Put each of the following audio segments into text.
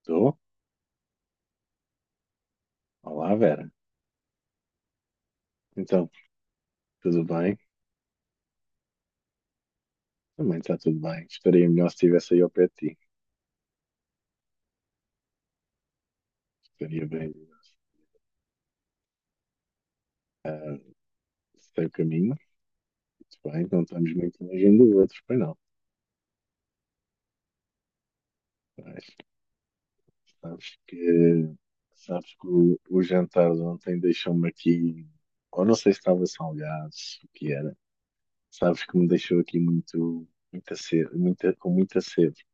Estou? Olá, Vera. Então, tudo bem? Também está tudo bem. Estaria melhor se estivesse aí ao pé de ti. Estaria bem. Ah, sei o caminho. Muito bem, não estamos muito longe um do outro, pois não. Mas sabes que, sabes que o jantar de ontem deixou-me aqui, ou não sei se estava salgado, se o que era. Sabes que me deixou aqui muito, muita sede, muita, com muita sede.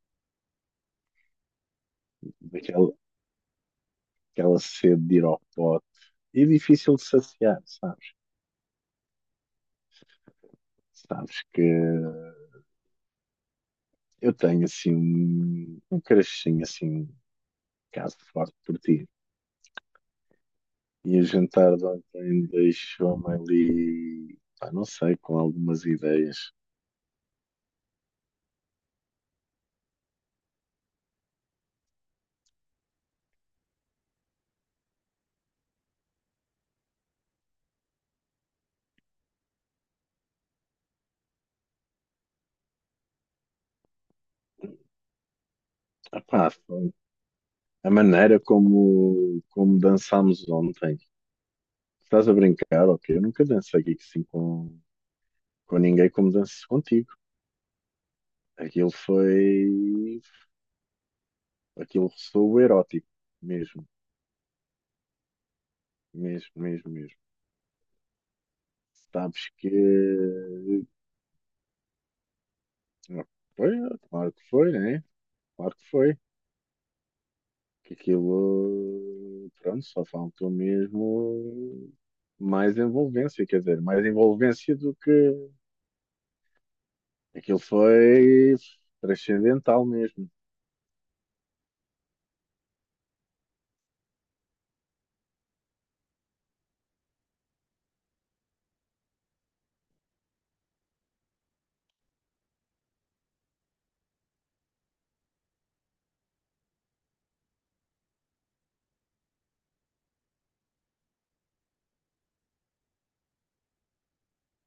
Daquela, aquela sede de ir ao pote. E difícil de saciar, sabes? Sabes que. Eu tenho assim um crushzinho assim, um caso forte por ti. E a jantar de ontem deixou-me ali, pá, não sei, com algumas ideias. Ah, pá, foi a maneira como dançámos ontem. Estás a brincar, ok? Eu nunca dancei aqui assim com ninguém como danço contigo. Aquilo foi. Aquilo ressoou erótico, mesmo, mesmo, mesmo, mesmo. Sabes que. Foi, claro que foi, né? Claro que foi. Que aquilo, pronto, só faltou mesmo mais envolvência, quer dizer, mais envolvência do que aquilo foi transcendental mesmo.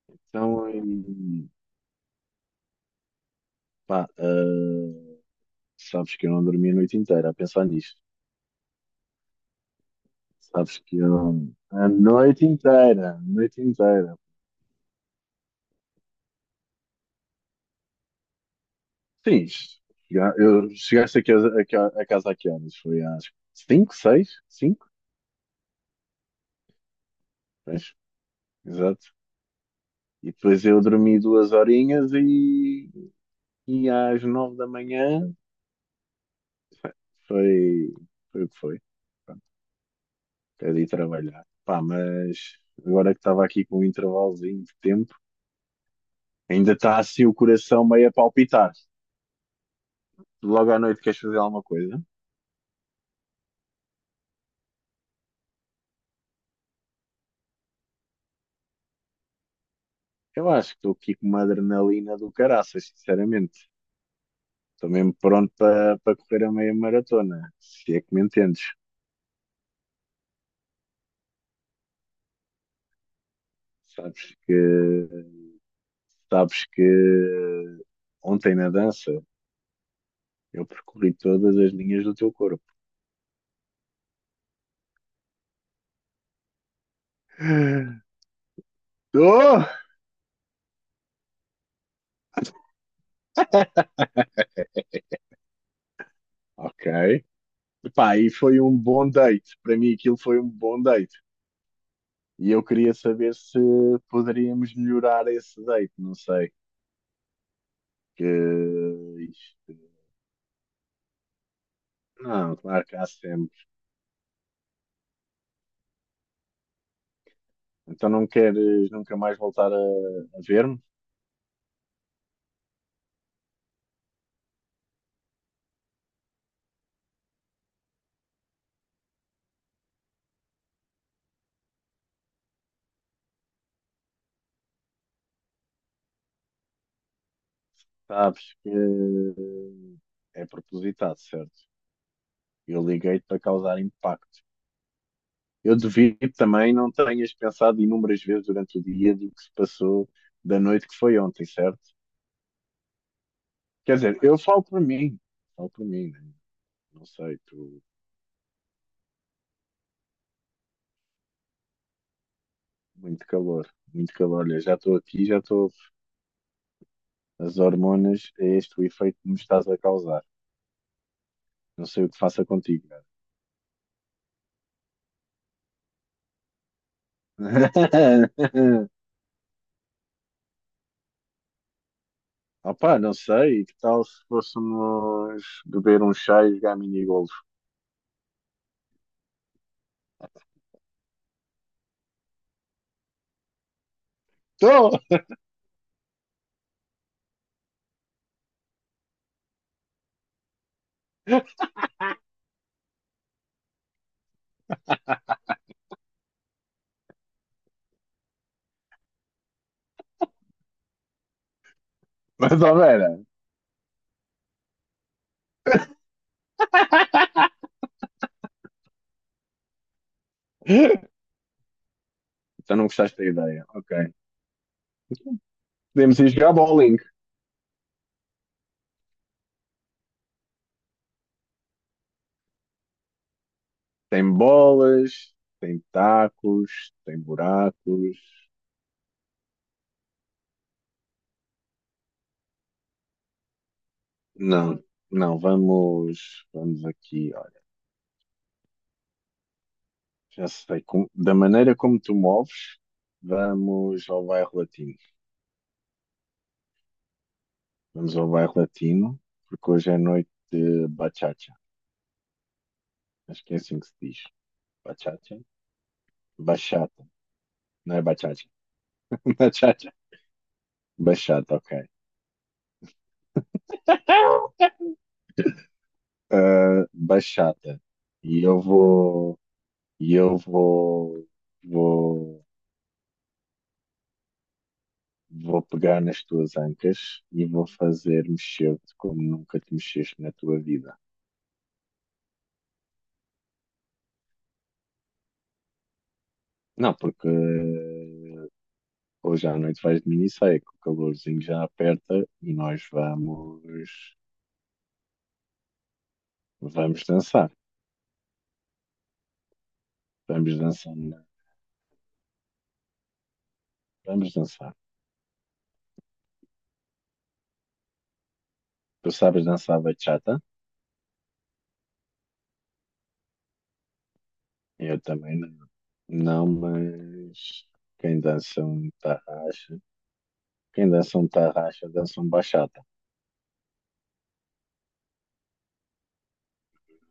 Então, e, pá, sabes que eu não dormi a noite inteira a pensar nisto. Sabes que eu, a noite inteira, a noite inteira. Sim, eu chegaste a casa, a casa a que horas? Foi às 5, 6, cinco. Pois, exato. E depois eu dormi duas horinhas e às 9 da manhã foi, foi o que foi. Pronto, até de ir trabalhar. Pá, mas agora que estava aqui com um intervalozinho de tempo, ainda está assim o coração meio a palpitar. Logo à noite queres fazer alguma coisa? Eu acho que estou aqui com uma adrenalina do caraças, sinceramente. Estou mesmo pronto para para correr a meia maratona, se é que me entendes. Sabes que, sabes que ontem na dança eu percorri todas as linhas do teu corpo. Oh! Ok. Pá, e foi um bom date. Para mim, aquilo foi um bom date. E eu queria saber se poderíamos melhorar esse date. Não sei. Que isto- Não, claro que há sempre. Então não queres nunca mais voltar a ver-me? Sabes que é propositado, certo? Eu liguei-te para causar impacto. Eu devido também não tenhas pensado inúmeras vezes durante o dia do que se passou da noite que foi ontem, certo? Quer dizer, eu falo por mim, né? Não sei, tu, muito calor, muito calor. Olha, já estou aqui, já estou. As hormonas, é este o efeito que me estás a causar. Não sei o que faça contigo, cara. Opa, não sei, que tal se fôssemos beber um chá e jogar mini-golf? Estou! Mais ou menos. Então não gostaste da ideia, ok. Podemos ir jogar bowling. Tem bolas, tem tacos, tem buracos. Não, não, vamos, vamos aqui, olha. Já sei, da maneira como tu moves, vamos ao bairro latino. Vamos ao bairro latino, porque hoje é noite de bachata. Acho que é assim que se diz. Bachata? Bachata. Não é bachata. Bachata. Bachata, ok. Ah, bachata. E eu vou. E eu vou, vou, vou pegar nas tuas ancas e vou fazer mexer-te como nunca te mexeste na tua vida. Não, porque hoje à noite vais de minissaia, que o calorzinho já aperta e nós vamos, vamos dançar. Vamos dançar, na- Vamos dançar. Tu sabes dançar bachata? Eu também não. Não, mas quem dança um tarraxa, quem dança um tarraxa, dança um bachata.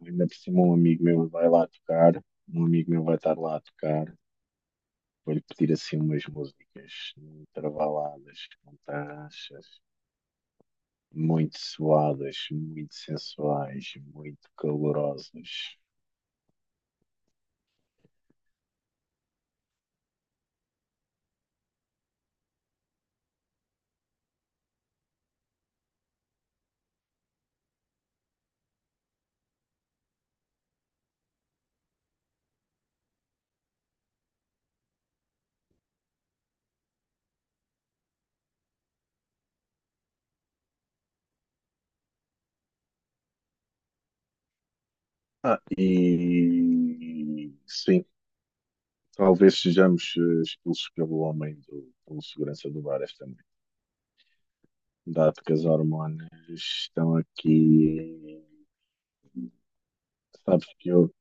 Ainda por cima, um amigo meu vai lá tocar, um amigo meu vai estar lá a tocar. Vou-lhe pedir assim umas músicas travaladas, fantastas, muito suadas, muito sensuais, muito calorosas. Ah, e sim, talvez sejamos expulsos pelo homem do, pelo segurança do bar esta noite. Dado que as hormonas estão aqui, sabes que eu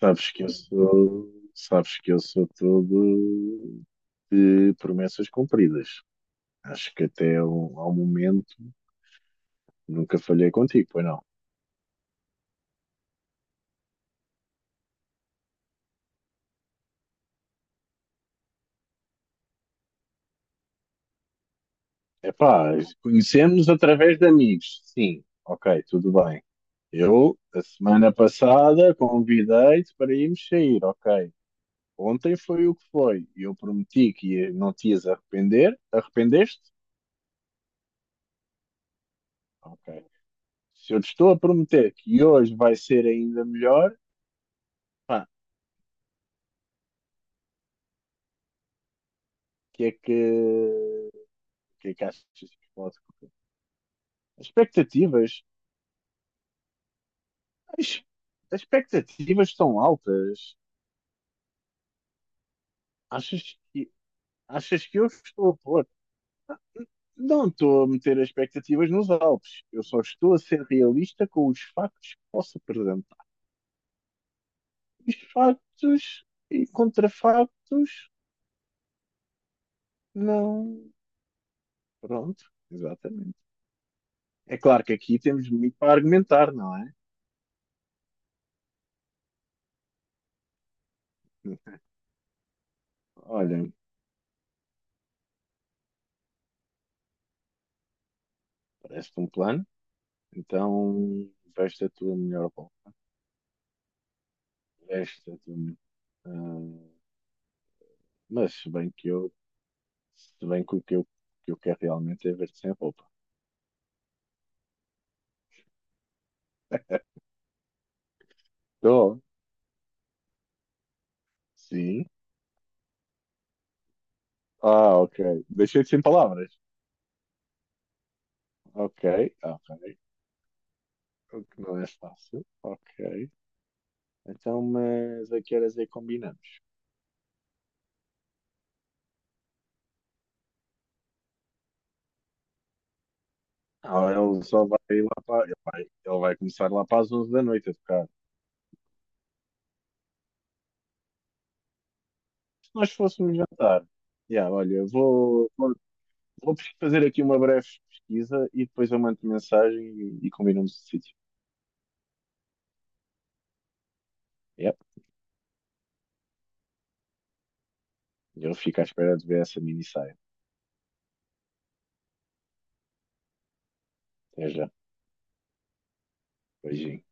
sabes que eu sou, sabes que eu sou todo de promessas cumpridas. Acho que até ao momento nunca falhei contigo, pois não? Epá, conhecemos através de amigos. Sim, ok, tudo bem. Eu, a semana passada, convidei-te para irmos sair, ok. Ontem foi o que foi. Eu prometi não te ias arrepender. Arrependeste? Ok. Se eu te estou a prometer que hoje vai ser ainda melhor. Pá, que é que, é que achas que pode correr? As expectativas, as, as expectativas são altas. Achas que, achas que eu estou a pôr? Não estou a meter as expectativas nos altos. Eu só estou a ser realista com os factos que posso apresentar. Os factos e contrafactos, não. Pronto, exatamente. É claro que aqui temos muito para argumentar, não é? Olha, parece-te um plano. Então, veste a tua melhor roupa. Veste a tua melhor. Ah, mas se bem que eu quero realmente é ver-te sem roupa. Tô. Sim. Ah, ok. Deixei-te sem palavras. Ok, ok. O que não é fácil. Ok. Então, mas a que horas é que combinamos? Ah, ele só vai lá para. Ele vai começar lá para as 23h a tocar. Se nós fôssemos jantar. Yeah, olha, vou fazer aqui uma breve pesquisa e depois eu mando mensagem e combinamos o sítio. Yep. Eu fico à espera de ver essa minissaia. Até já. Beijinho.